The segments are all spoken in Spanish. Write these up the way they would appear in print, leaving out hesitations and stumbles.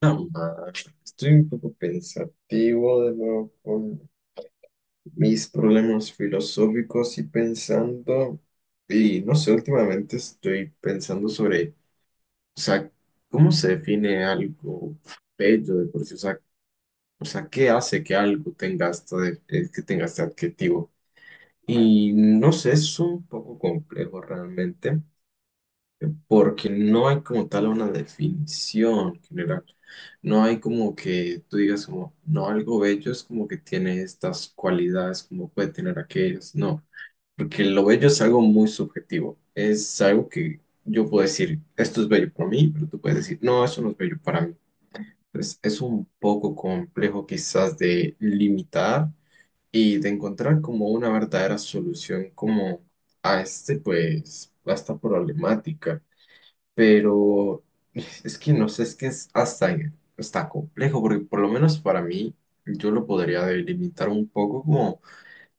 Ah, Estoy un poco pensativo de nuevo con mis problemas filosóficos y pensando, y no sé, últimamente estoy pensando sobre, o sea, ¿cómo se define algo bello de por sí? O sea, ¿qué hace que algo tenga esta que tenga este adjetivo? Y no sé, es un poco complejo realmente. Porque no hay como tal una definición general. No hay como que tú digas como, no, algo bello es como que tiene estas cualidades, como puede tener aquellas, no, porque lo bello es algo muy subjetivo, es algo que yo puedo decir, esto es bello para mí, pero tú puedes decir, no, eso no es bello para mí. Entonces es un poco complejo quizás de limitar y de encontrar como una verdadera solución como a este, pues, a esta problemática, pero es que no sé, es que es hasta, está complejo, porque por lo menos para mí yo lo podría delimitar un poco como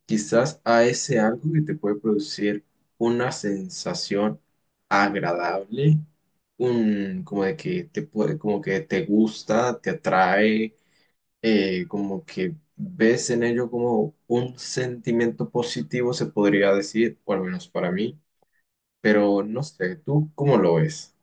quizás a ese algo que te puede producir una sensación agradable, un, como de que te puede, como que te gusta, te atrae, como que ves en ello como un sentimiento positivo, se podría decir, o al menos para mí, pero no sé, ¿tú cómo lo ves?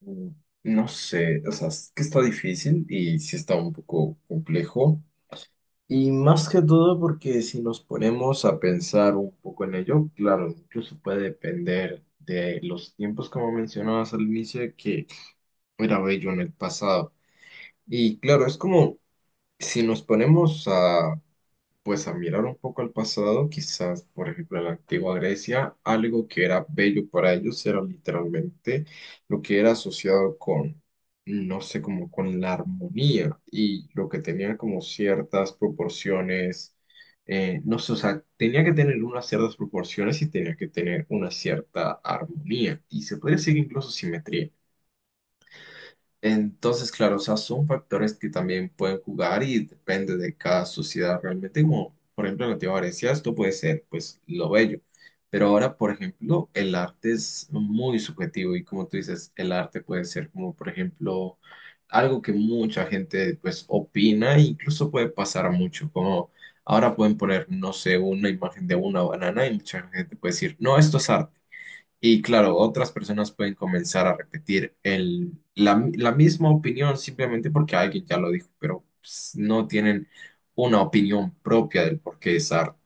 Mm. No sé, o sea, es que está difícil y sí está un poco complejo. Y más que todo porque si nos ponemos a pensar un poco en ello, claro, incluso puede depender de los tiempos como mencionabas al inicio, que era bello en el pasado. Y claro, es como si nos ponemos a pues a mirar un poco al pasado, quizás, por ejemplo, en la antigua Grecia, algo que era bello para ellos era literalmente lo que era asociado con, no sé, como con la armonía y lo que tenía como ciertas proporciones, no sé, o sea, tenía que tener unas ciertas proporciones y tenía que tener una cierta armonía y se podría decir incluso simetría. Entonces, claro, o sea, son factores que también pueden jugar y depende de cada sociedad realmente, como por ejemplo en Latinoamérica esto puede ser pues lo bello, pero ahora, por ejemplo, el arte es muy subjetivo y como tú dices, el arte puede ser como, por ejemplo, algo que mucha gente pues opina e incluso puede pasar mucho, como ahora pueden poner, no sé, una imagen de una banana y mucha gente puede decir, no, esto es arte. Y claro, otras personas pueden comenzar a repetir la misma opinión simplemente porque alguien ya lo dijo, pero pues, no tienen una opinión propia del por qué es arte.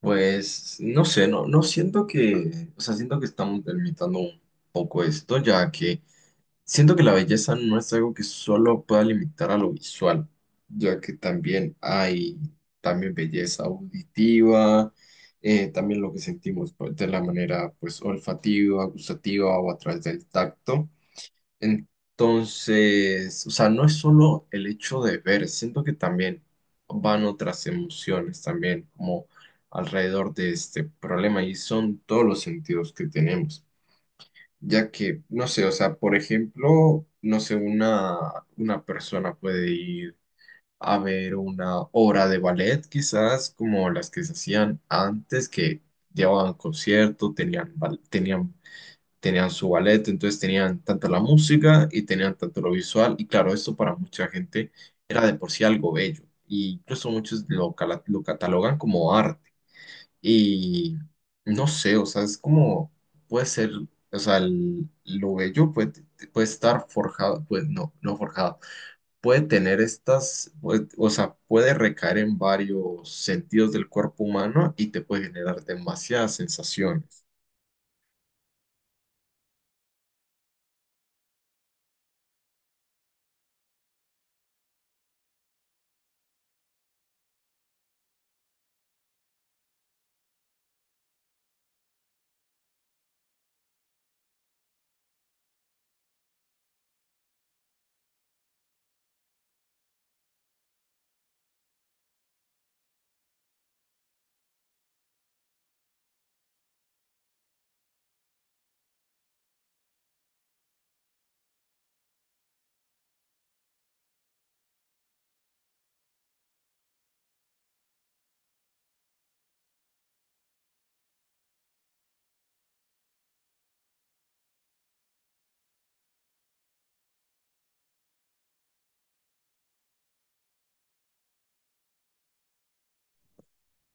Pues no sé, no siento que, o sea, siento que estamos delimitando un poco esto, ya que siento que la belleza no es algo que solo pueda limitar a lo visual, ya que también hay también belleza auditiva, también lo que sentimos pues, de la manera pues olfativa, gustativa o a través del tacto. Entonces, o sea, no es solo el hecho de ver, siento que también van otras emociones también como alrededor de este problema y son todos los sentidos que tenemos ya que, no sé, o sea, por ejemplo, no sé, una persona puede ir a ver una obra de ballet, quizás como las que se hacían antes, que llevaban concierto, tenían su ballet, entonces tenían tanto la música y tenían tanto lo visual, y claro, esto para mucha gente era de por sí algo bello, y incluso muchos lo catalogan como arte. Y no sé, o sea, es como puede ser, o sea, lo bello puede estar forjado, pues no forjado, puede tener estas, pues, o sea, puede recaer en varios sentidos del cuerpo humano y te puede generar demasiadas sensaciones.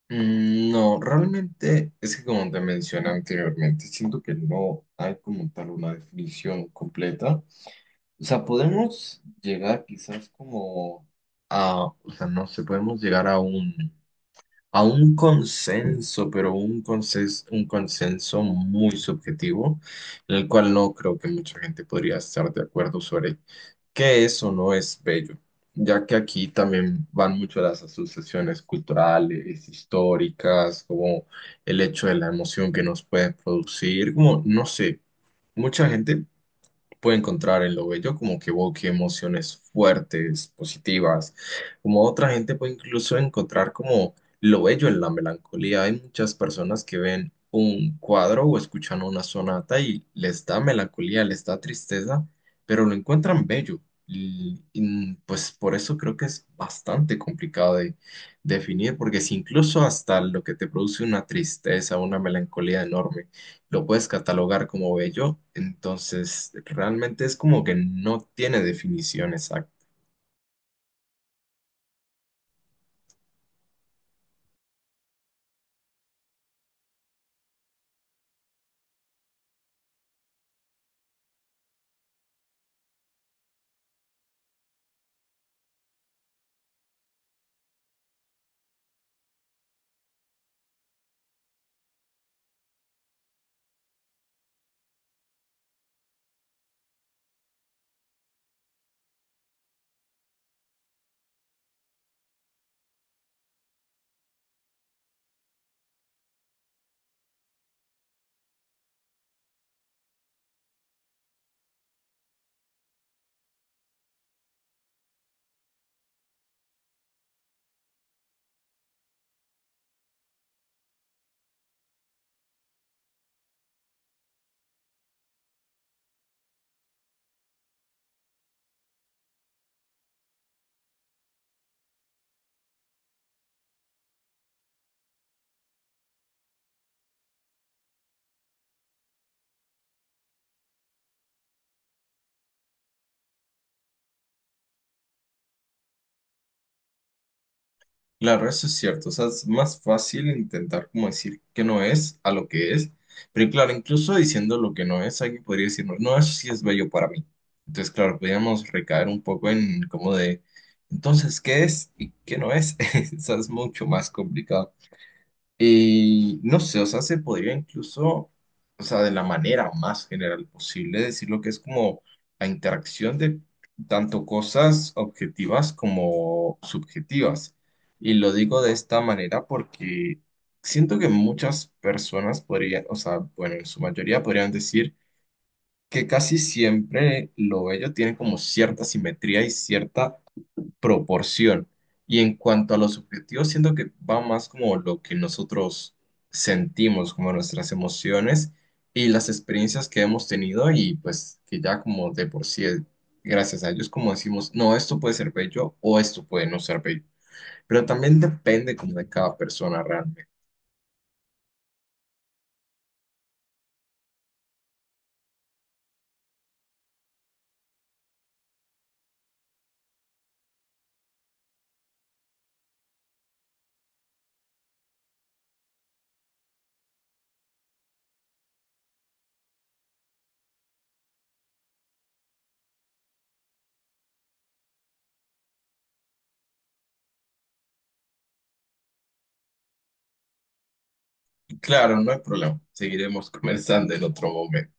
Mm, no, realmente es que como te mencioné anteriormente, siento que no hay como tal una definición completa. O sea, podemos llegar quizás como a, o sea, no sé, podemos llegar a un consenso, pero un consenso muy subjetivo, en el cual no creo que mucha gente podría estar de acuerdo sobre qué es o no es bello, ya que aquí también van mucho las asociaciones culturales, históricas, como el hecho de la emoción que nos puede producir, como, no sé, mucha gente puede encontrar en lo bello como que evoque emociones fuertes, positivas, como otra gente puede incluso encontrar como lo bello en la melancolía. Hay muchas personas que ven un cuadro o escuchan una sonata y les da melancolía, les da tristeza, pero lo encuentran bello. Pues por eso creo que es bastante complicado de definir, porque si incluso hasta lo que te produce una tristeza, una melancolía enorme, lo puedes catalogar como bello, entonces realmente es como que no tiene definición exacta. Claro, eso es cierto, o sea, es más fácil intentar como decir que no es a lo que es, pero claro, incluso diciendo lo que no es, alguien podría decir, no, no, eso sí es bello para mí. Entonces, claro, podríamos recaer un poco en como de, entonces, ¿qué es y qué no es? O sea, es mucho más complicado. Y no sé, o sea, se podría incluso, o sea, de la manera más general posible decir lo que es como la interacción de tanto cosas objetivas como subjetivas. Y lo digo de esta manera porque siento que muchas personas podrían, o sea, bueno, en su mayoría podrían decir que casi siempre lo bello tiene como cierta simetría y cierta proporción. Y en cuanto a los subjetivos, siento que va más como lo que nosotros sentimos, como nuestras emociones y las experiencias que hemos tenido y pues que ya como de por sí, gracias a ellos, como decimos, no, esto puede ser bello o esto puede no ser bello. Pero también depende como de cada persona realmente. Y claro, no hay problema, seguiremos conversando en otro momento.